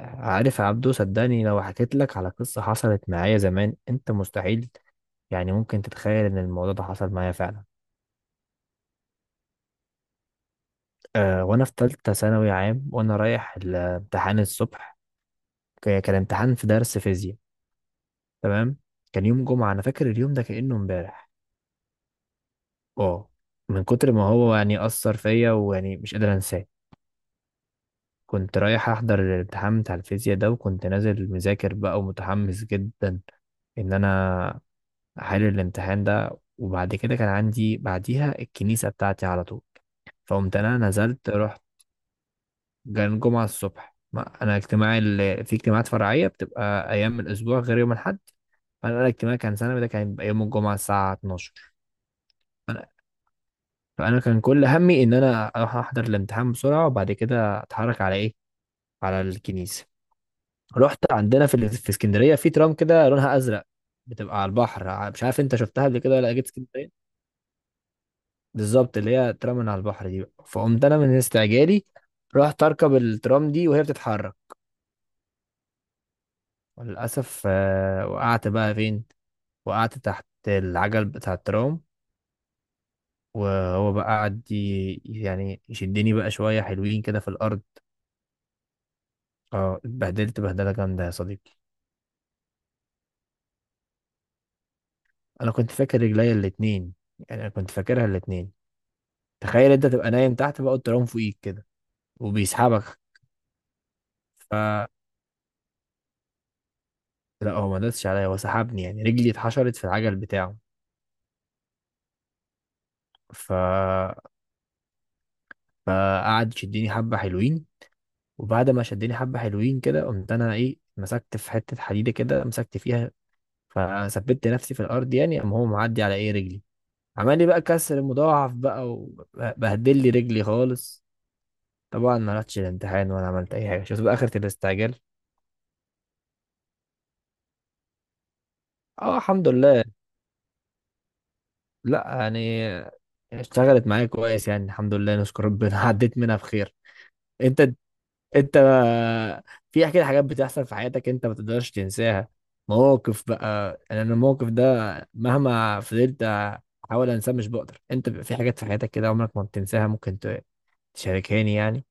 عارف يا عبدو، صدقني لو حكيت لك على قصة حصلت معايا زمان انت مستحيل يعني ممكن تتخيل ان الموضوع ده حصل معايا فعلا. أه، وانا في تالتة ثانوي عام وانا رايح الامتحان الصبح. كان امتحان في درس فيزياء. تمام. كان يوم جمعة، انا فاكر اليوم ده كأنه امبارح. اه، من كتر ما هو يعني أثر فيا ويعني مش قادر انساه. كنت رايح احضر الامتحان بتاع الفيزياء ده وكنت نازل مذاكر بقى ومتحمس جدا ان انا حل الامتحان ده. وبعد كده كان عندي بعديها الكنيسة بتاعتي على طول. فقمت أنا نزلت رحت. كان الجمعة الصبح، ما أنا اجتماعي اللي في اجتماعات فرعية بتبقى أيام الأسبوع غير يوم الأحد. فأنا الاجتماع كان سنة ده كان يبقى يوم الجمعة الساعة 12. فأنا, فأنا كان كل همي إن أنا أروح أحضر الامتحان بسرعة وبعد كده أتحرك على إيه، على الكنيسة. رحت عندنا في اسكندرية في ترام كده لونها أزرق، بتبقى على البحر، مش عارف أنت شفتها قبل كده ولا جيت اسكندرية. بالظبط اللي هي ترى من على البحر دي بقى. فقمت انا من استعجالي رحت اركب الترام دي وهي بتتحرك. وللاسف آه، وقعت بقى فين؟ وقعت تحت العجل بتاع الترام. وهو بقى قعد يعني يشدني بقى شويه حلوين كده في الارض. اه، اتبهدلت بهدله جامده يا صديقي. انا كنت فاكر رجليا الاتنين، يعني انا كنت فاكرها الاتنين. تخيل انت تبقى نايم تحت بقى الترام فوقيك كده وبيسحبك. ف لا، هو ما دسش عليا، هو سحبني يعني رجلي اتحشرت في العجل بتاعه. ف فقعد يشدني حبة حلوين. وبعد ما شدني حبة حلوين كده قمت انا ايه مسكت في حتة حديدة كده مسكت فيها. فثبت نفسي في الارض، يعني قام هو معدي على ايه رجلي. عمل لي بقى كسر مضاعف بقى وبهدل لي رجلي خالص. طبعا ما رحتش الامتحان ولا عملت اي حاجة. شفت بقى اخرة الاستعجال. اه الحمد لله. لا يعني اشتغلت معايا كويس يعني الحمد لله نشكر ربنا عديت منها بخير. انت انت في كده حاجات بتحصل في حياتك انت ما تقدرش تنساها. مواقف بقى. يعني انا الموقف ده مهما فضلت احاول انساه مش بقدر. انت بيبقى في حاجات في حياتك كده عمرك ما بتنساها. ممكن تشاركهاني يعني.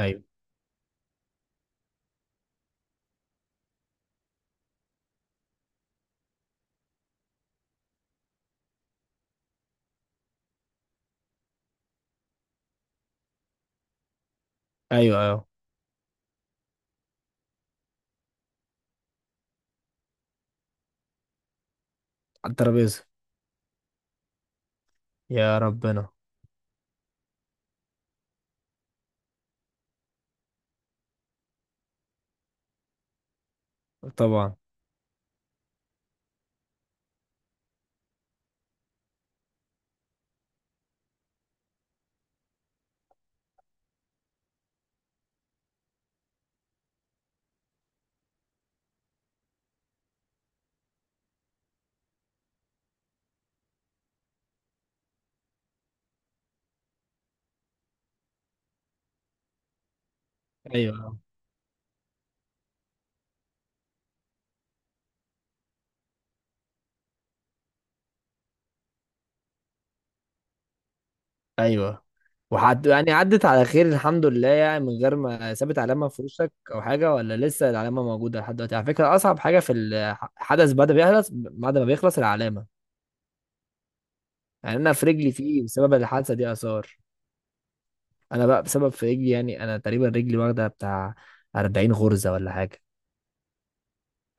ايوه، ايوه، ايوه، على الترابيزه. يا ربنا. طبعا. ايوه، ايوه. وحد يعني عدت على خير الحمد لله يعني، من غير ما سابت علامه في وشك او حاجه، ولا لسه العلامه موجوده لحد دلوقتي؟ على فكره اصعب حاجه في الحدث بعد ما بيخلص، بعد ما بيخلص العلامه. يعني انا في رجلي فيه بسبب الحادثه دي اثار. انا بقى بسبب في رجلي، يعني انا تقريبا رجلي واخده بتاع 40 غرزه ولا حاجه.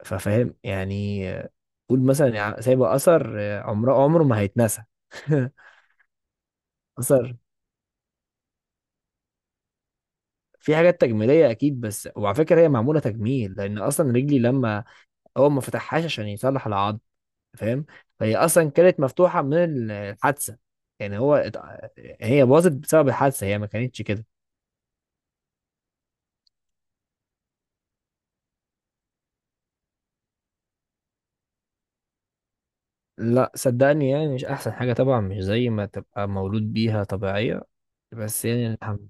ففاهم يعني آه، قول مثلا سايبه اثر آه، عمره ما هيتنسى اثر. في حاجات تجميليه اكيد، بس وعلى فكره هي معموله تجميل، لان اصلا رجلي لما اول ما فتحهاش عشان يصلح العظم فاهم. فهي اصلا كانت مفتوحه من الحادثه. يعني هو ات-، هي باظت بسبب الحادثه هي ما كانتش كده. لا صدقني، يعني مش احسن حاجة طبعا، مش زي ما تبقى مولود بيها طبيعية. بس يعني الحمد.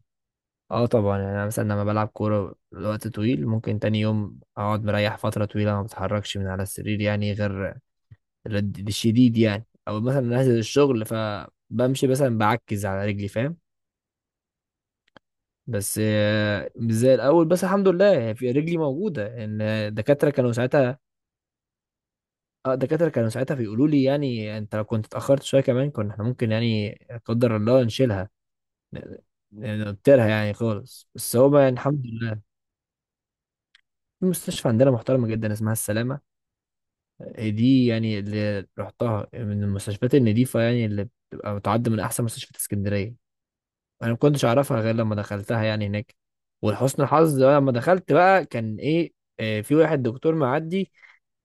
اه طبعا، يعني انا مثلا لما بلعب كورة لوقت طويل ممكن تاني يوم اقعد مريح فترة طويلة ما بتحركش من على السرير، يعني غير الشديد يعني. او مثلا انزل الشغل فبمشي مثلا بعكز على رجلي فاهم. بس آه، مش زي الاول. بس الحمد لله يعني في رجلي موجودة، ان الدكاترة كانوا ساعتها. اه الدكاترة كانوا ساعتها بيقولوا لي يعني انت لو كنت اتأخرت شوية كمان كنا احنا ممكن يعني لا قدر الله نشيلها، نطيرها يعني خالص. بس هو بقى يعني الحمد لله. في مستشفى عندنا محترمة جدا اسمها السلامة. آه، دي يعني اللي رحتها من المستشفيات النظيفة، يعني اللي بتبقى بتعد من أحسن مستشفيات اسكندرية. أنا ما كنتش أعرفها غير لما دخلتها يعني هناك. ولحسن الحظ بقى لما دخلت بقى كان إيه آه، في واحد دكتور معدي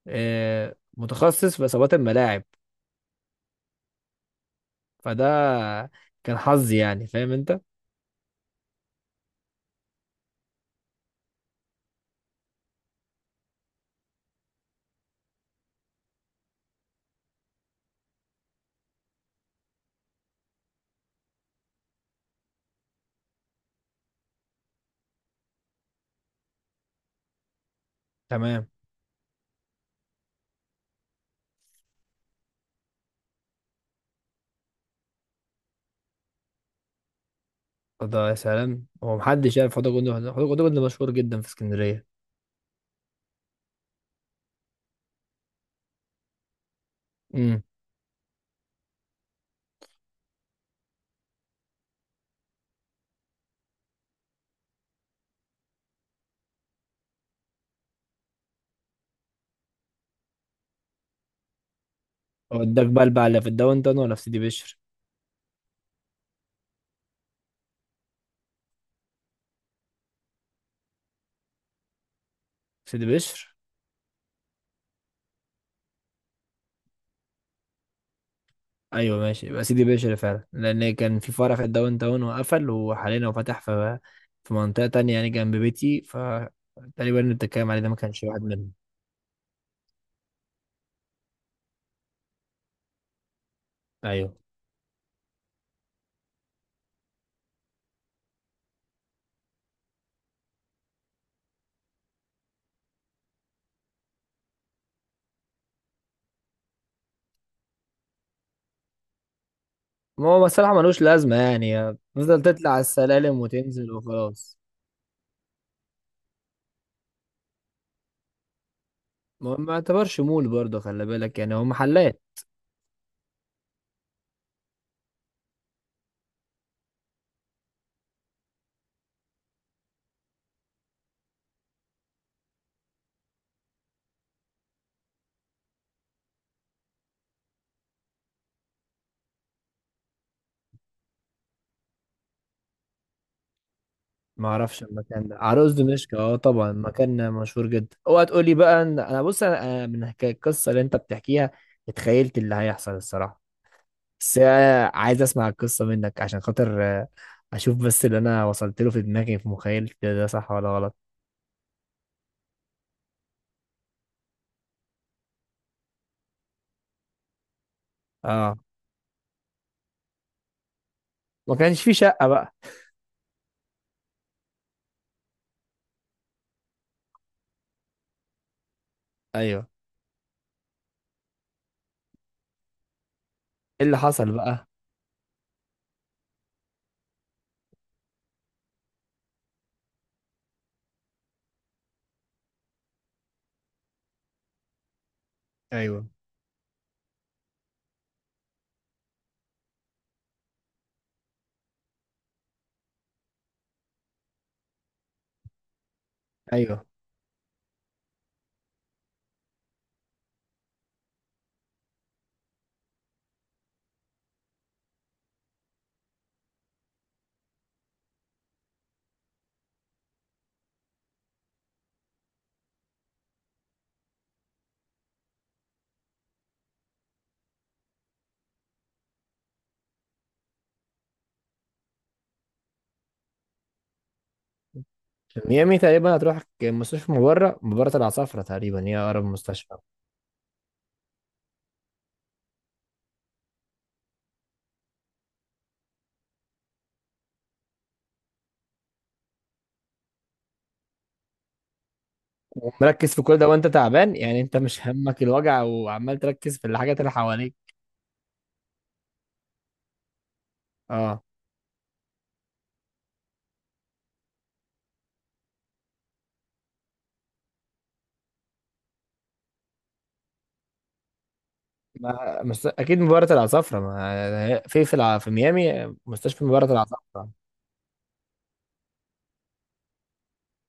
آه، متخصص في إصابات الملاعب. فده كان حظي يعني، فاهم أنت؟ تمام. فده يا سلام، هو محدش يعرف حوض الجندي؟ حوض الجندي مشهور جدا في اسكندرية. وداك بلبع اللي في الداون تاون ولا في سيدي بشر؟ في سيدي بشر. ايوه ماشي، يبقى سيدي بشر فعلا لان كان في فرع في الداون تاون وقفل، وحاليا هو فتح في في منطقه تانية يعني جنب بيتي، فتقريبا اللي بتتكلم عليه ده ما كانش واحد منهم. ايوه. ما هو الصراحه ملوش لازمه، يعني تفضل تطلع على السلالم وتنزل وخلاص. ما يعتبرش مول برضه، خلي بالك يعني هو محلات. ما اعرفش المكان ده. عروس دمشق، اه طبعا مكان مشهور جدا. اوعى تقول لي بقى ان انا، بص انا من حكاية القصه اللي انت بتحكيها اتخيلت اللي هيحصل الصراحه. بس أنا عايز اسمع القصه منك عشان خاطر آه، اشوف بس اللي انا وصلت له في دماغي في مخيلتي ده صح ولا غلط. اه، ما كانش في شقه بقى. ايوه، ايه اللي حصل بقى؟ ايوه، ايوه. ميامي تقريبا هتروح مستشفى مبرة، مبرة العصافرة تقريبا هي اقرب مستشفى. ومركز في كل ده وانت تعبان؟ يعني انت مش همك الوجع وعمال تركز في الحاجات اللي حواليك. اه. ما مست-، اكيد مباراة العصافرة. ما-، في الع-، في ميامي مستشفى مباراة العصافرة.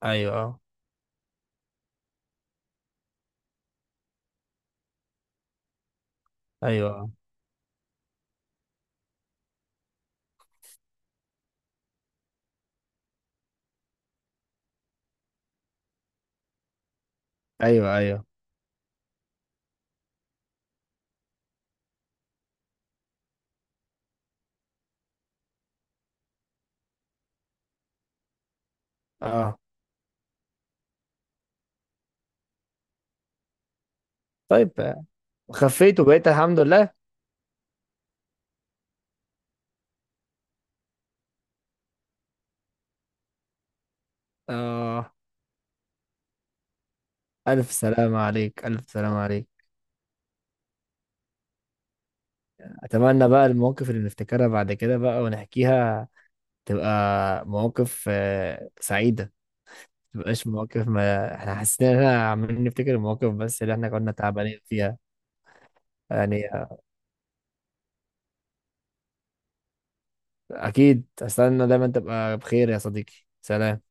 ايوه، اه، ايوه، آه. ايوه، ايوه، اه. طيب آه. خفيت وبقيت الحمد لله؟ اه. الف سلامة عليك، الف سلامة عليك. اتمنى بقى المواقف اللي نفتكرها بعد كده بقى ونحكيها تبقى مواقف آه، سعيدة. مبقاش مواقف ما احنا حاسين ان احنا عمالين نفتكر المواقف بس اللي احنا كنا تعبانين فيها. يعني آه، اكيد استنى. دايما تبقى بخير يا صديقي، سلام.